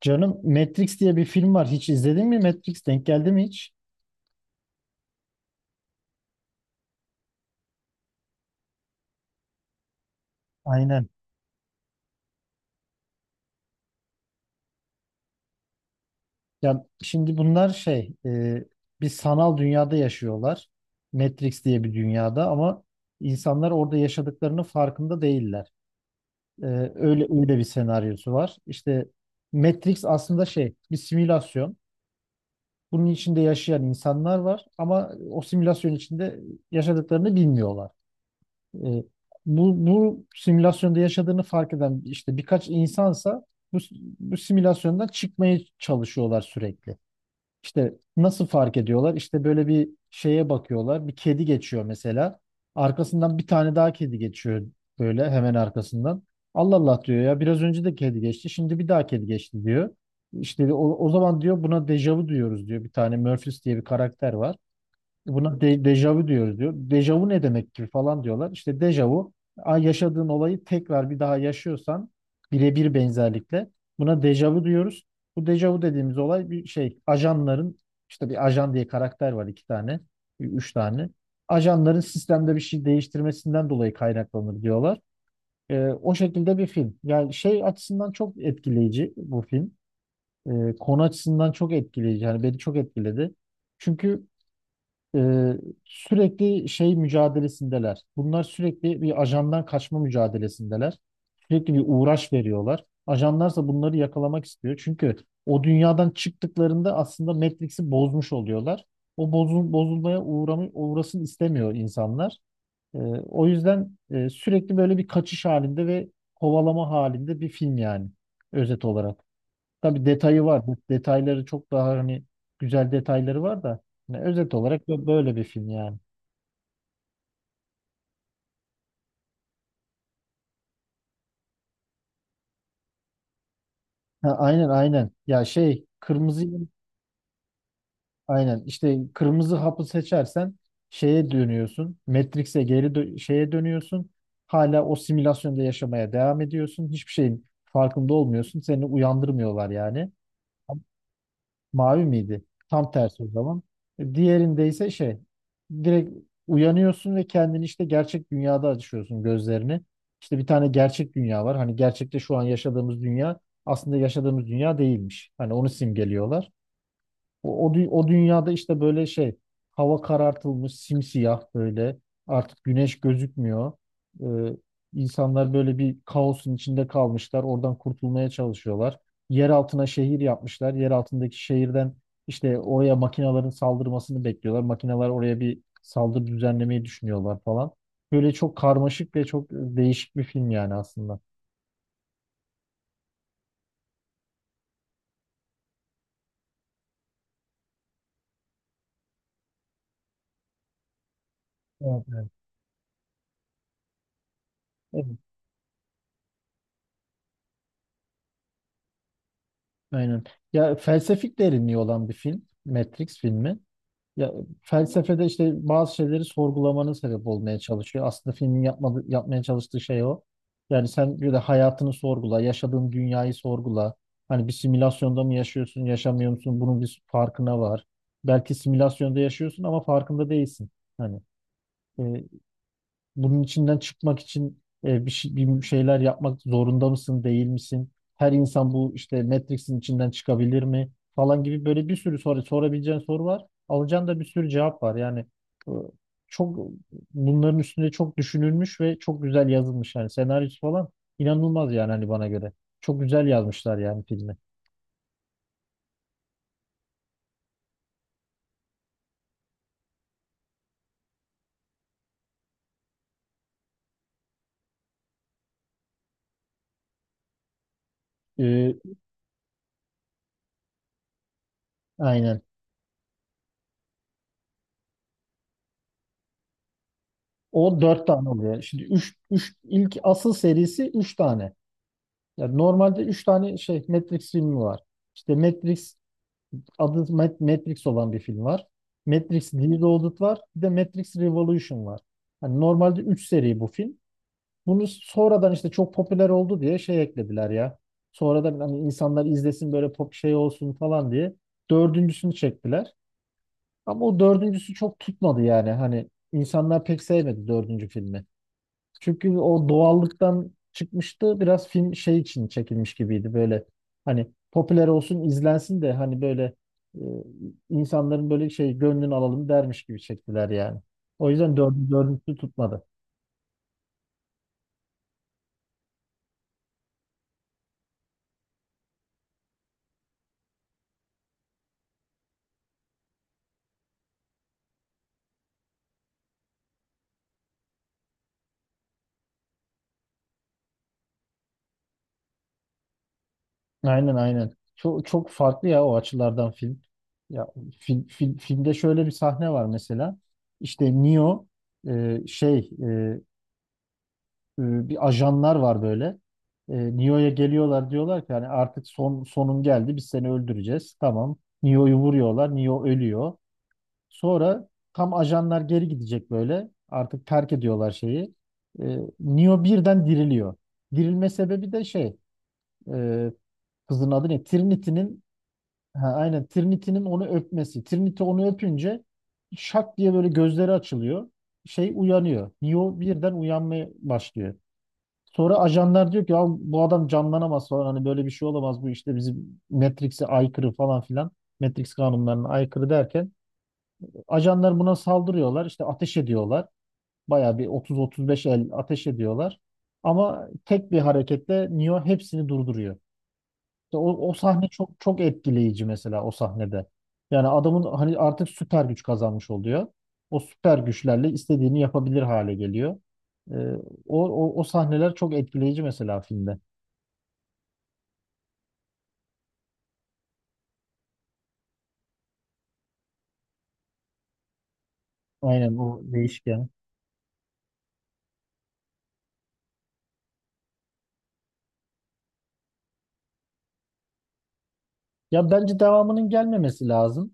Canım Matrix diye bir film var. Hiç izledin mi Matrix? Denk geldi mi hiç? Aynen. Ya şimdi bunlar şey bir sanal dünyada yaşıyorlar. Matrix diye bir dünyada ama insanlar orada yaşadıklarının farkında değiller. E, öyle öyle bir senaryosu var. İşte Matrix aslında şey bir simülasyon. Bunun içinde yaşayan insanlar var ama o simülasyon içinde yaşadıklarını bilmiyorlar. E, bu simülasyonda yaşadığını fark eden işte birkaç insansa bu, bu simülasyondan çıkmaya çalışıyorlar sürekli. İşte nasıl fark ediyorlar? İşte böyle bir şeye bakıyorlar. Bir kedi geçiyor mesela. Arkasından bir tane daha kedi geçiyor böyle hemen arkasından. Allah Allah diyor ya, biraz önce de kedi geçti. Şimdi bir daha kedi geçti diyor. İşte o zaman diyor buna dejavu diyoruz diyor. Bir tane Murphys diye bir karakter var. Buna dejavu diyoruz diyor. Dejavu ne demek ki falan diyorlar. İşte dejavu yaşadığın olayı tekrar bir daha yaşıyorsan birebir benzerlikle buna dejavu diyoruz. Bu dejavu dediğimiz olay bir şey, ajanların, işte bir ajan diye karakter var, iki tane, üç tane. Ajanların sistemde bir şey değiştirmesinden dolayı kaynaklanır diyorlar. O şekilde bir film. Yani şey açısından çok etkileyici bu film. Konu açısından çok etkileyici. Yani beni çok etkiledi. Çünkü e, sürekli şey mücadelesindeler. Bunlar sürekli bir ajandan kaçma mücadelesindeler. Sürekli bir uğraş veriyorlar. Ajanlarsa bunları yakalamak istiyor. Çünkü o dünyadan çıktıklarında aslında Matrix'i bozmuş oluyorlar. Bozulmaya uğrasın istemiyor insanlar. E, o yüzden sürekli böyle bir kaçış halinde ve kovalama halinde bir film yani özet olarak. Tabii detayı var. Bu detayları çok daha hani, güzel detayları var da. Yani özet olarak böyle bir film yani. Ha, aynen aynen. Ya şey kırmızı aynen, işte kırmızı hapı seçersen şeye dönüyorsun. Matrix'e geri şeye dönüyorsun. Hala o simülasyonda yaşamaya devam ediyorsun. Hiçbir şeyin farkında olmuyorsun. Seni uyandırmıyorlar yani. Mavi miydi? Tam tersi o zaman. Diğerinde ise şey direkt uyanıyorsun ve kendini işte gerçek dünyada açıyorsun gözlerini. İşte bir tane gerçek dünya var. Hani gerçekte şu an yaşadığımız dünya aslında yaşadığımız dünya değilmiş. Hani onu simgeliyorlar. O dünyada işte böyle şey, hava karartılmış, simsiyah, böyle artık güneş gözükmüyor. Ee, insanlar böyle bir kaosun içinde kalmışlar. Oradan kurtulmaya çalışıyorlar. Yer altına şehir yapmışlar. Yer altındaki şehirden işte oraya makinaların saldırmasını bekliyorlar. Makineler oraya bir saldırı düzenlemeyi düşünüyorlar falan. Böyle çok karmaşık ve çok değişik bir film yani aslında. Evet, evet. Evet, aynen. Ya felsefik derinliği olan bir film Matrix filmi. Ya felsefede işte bazı şeyleri sorgulamana sebep olmaya çalışıyor. Aslında filmin yapmaya çalıştığı şey o. Yani sen bir de hayatını sorgula, yaşadığın dünyayı sorgula. Hani bir simülasyonda mı yaşıyorsun, yaşamıyor musun? Bunun bir farkına var. Belki simülasyonda yaşıyorsun ama farkında değilsin. Hani e, bunun içinden çıkmak için bir şeyler yapmak zorunda mısın, değil misin? Her insan bu işte Matrix'in içinden çıkabilir mi? Falan gibi böyle bir sürü soru sorabileceğin soru var. Alacağın da bir sürü cevap var. Yani e, çok, bunların üstünde çok düşünülmüş ve çok güzel yazılmış. Yani senaryosu falan inanılmaz yani hani bana göre. Çok güzel yazmışlar yani filmi. E, aynen. O dört tane oluyor. Şimdi ilk asıl serisi üç tane. Ya normalde 3 tane şey Matrix filmi var. İşte Matrix adı Matrix olan bir film var. Matrix Reloaded var. Bir de Matrix Revolution var. Hani normalde 3 seri bu film. Bunu sonradan işte çok popüler oldu diye şey eklediler ya. Sonradan hani insanlar izlesin, böyle pop şey olsun falan diye dördüncüsünü çektiler. Ama o dördüncüsü çok tutmadı yani. Hani insanlar pek sevmedi dördüncü filmi. Çünkü o doğallıktan çıkmıştı. Biraz film şey için çekilmiş gibiydi böyle. Hani popüler olsun, izlensin de hani böyle e, insanların böyle şey gönlünü alalım dermiş gibi çektiler yani. O yüzden dördüncüsü tutmadı. Aynen aynen. Çok çok farklı ya o açılardan film. Ya filmde şöyle bir sahne var mesela. İşte Neo şey bir ajanlar var böyle. Neo'ya geliyorlar, diyorlar ki hani artık son sonun geldi, biz seni öldüreceğiz. Tamam. Neo'yu vuruyorlar. Neo ölüyor. Sonra tam ajanlar geri gidecek böyle. Artık terk ediyorlar şeyi. Neo birden diriliyor. Dirilme sebebi de şey, e, kızın adı ne? Trinity'nin. Ha, aynen, Trinity'nin onu öpmesi. Trinity onu öpünce şak diye böyle gözleri açılıyor. Şey uyanıyor. Neo birden uyanmaya başlıyor. Sonra ajanlar diyor ki, ya bu adam canlanamaz falan, hani böyle bir şey olamaz bu, işte bizim Matrix'e aykırı falan filan. Matrix kanunlarına aykırı derken ajanlar buna saldırıyorlar, işte ateş ediyorlar. Bayağı bir 30-35 el ateş ediyorlar. Ama tek bir hareketle Neo hepsini durduruyor. İşte o sahne çok çok etkileyici mesela, o sahnede. Yani adamın hani artık süper güç kazanmış oluyor. O süper güçlerle istediğini yapabilir hale geliyor. Ee, o sahneler çok etkileyici mesela filmde. Aynen, o değişken. Ya bence devamının gelmemesi lazım.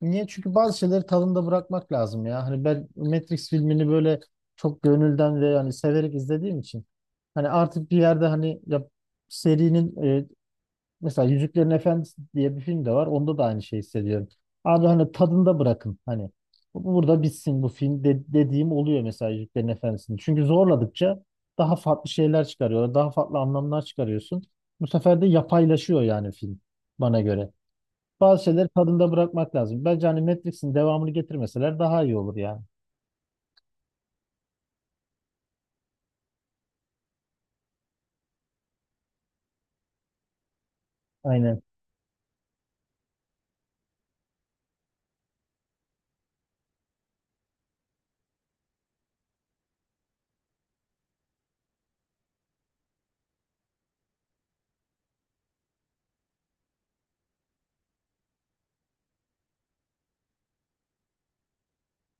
Niye? Çünkü bazı şeyleri tadında bırakmak lazım ya. Hani ben Matrix filmini böyle çok gönülden ve yani severek izlediğim için, hani artık bir yerde hani, ya serinin. Mesela Yüzüklerin Efendisi diye bir film de var. Onda da aynı şeyi hissediyorum. Abi hani tadında bırakın. Hani burada bitsin bu film dediğim oluyor mesela Yüzüklerin Efendisi'ni. Çünkü zorladıkça daha farklı şeyler çıkarıyorlar. Daha farklı anlamlar çıkarıyorsun. Bu sefer de yapaylaşıyor yani film, bana göre. Bazı şeyleri tadında bırakmak lazım. Bence hani Matrix'in devamını getirmeseler daha iyi olur yani. Aynen.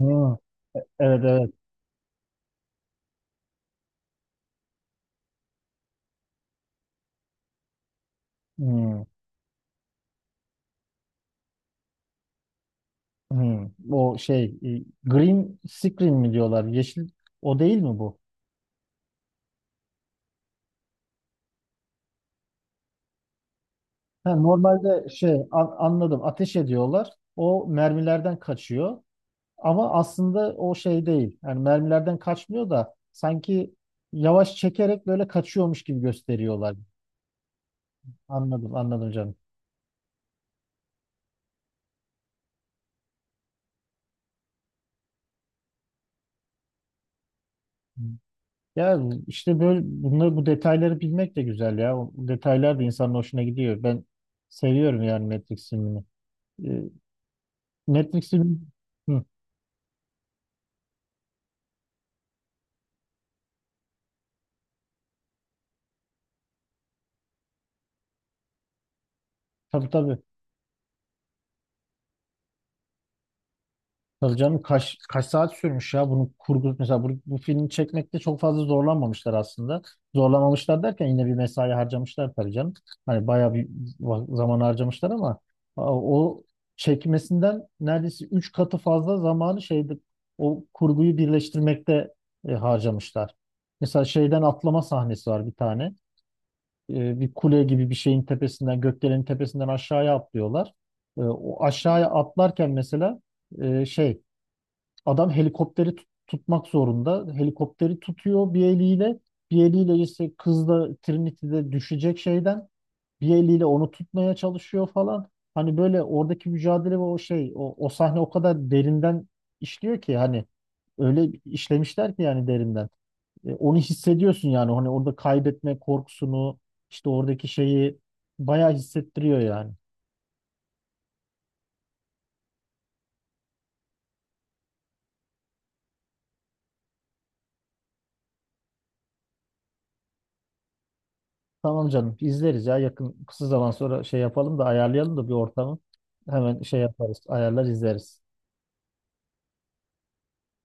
Hı. Evet evet. Hı. Hı. O şey, Green Screen mi diyorlar? Yeşil, o değil mi bu? Ha, normalde şey, anladım, ateş ediyorlar. O mermilerden kaçıyor. Ama aslında o şey değil. Yani mermilerden kaçmıyor da sanki yavaş çekerek böyle kaçıyormuş gibi gösteriyorlar. Anladım anladım canım. Ya işte böyle, bu detayları bilmek de güzel ya. O detaylar da insanın hoşuna gidiyor. Ben seviyorum yani Matrix filmini. Ee, Matrix filmi. Hı, tabii tabii. Tabii canım, kaç saat sürmüş ya bunu kurgu mesela, bu filmi çekmekte çok fazla zorlanmamışlar aslında. Zorlamamışlar derken yine bir mesai harcamışlar tabii canım. Hani bayağı bir zaman harcamışlar ama o çekmesinden neredeyse 3 katı fazla zamanı şeyde, o kurguyu birleştirmekte harcamışlar. Mesela şeyden atlama sahnesi var bir tane. Bir kule gibi bir şeyin tepesinden, gökdelenin tepesinden aşağıya atlıyorlar. O aşağıya atlarken mesela şey, adam helikopteri tutmak zorunda. Helikopteri tutuyor bir eliyle. Bir eliyle işte kız da, Trinity'de düşecek şeyden. Bir eliyle onu tutmaya çalışıyor falan. Hani böyle oradaki mücadele ve o şey, o sahne o kadar derinden işliyor ki hani, öyle işlemişler ki yani, derinden. Onu hissediyorsun yani, hani orada kaybetme korkusunu, işte oradaki şeyi bayağı hissettiriyor yani. Tamam canım, izleriz ya, yakın kısa zaman sonra şey yapalım da, ayarlayalım da bir ortamı. Hemen şey yaparız, ayarlar izleriz.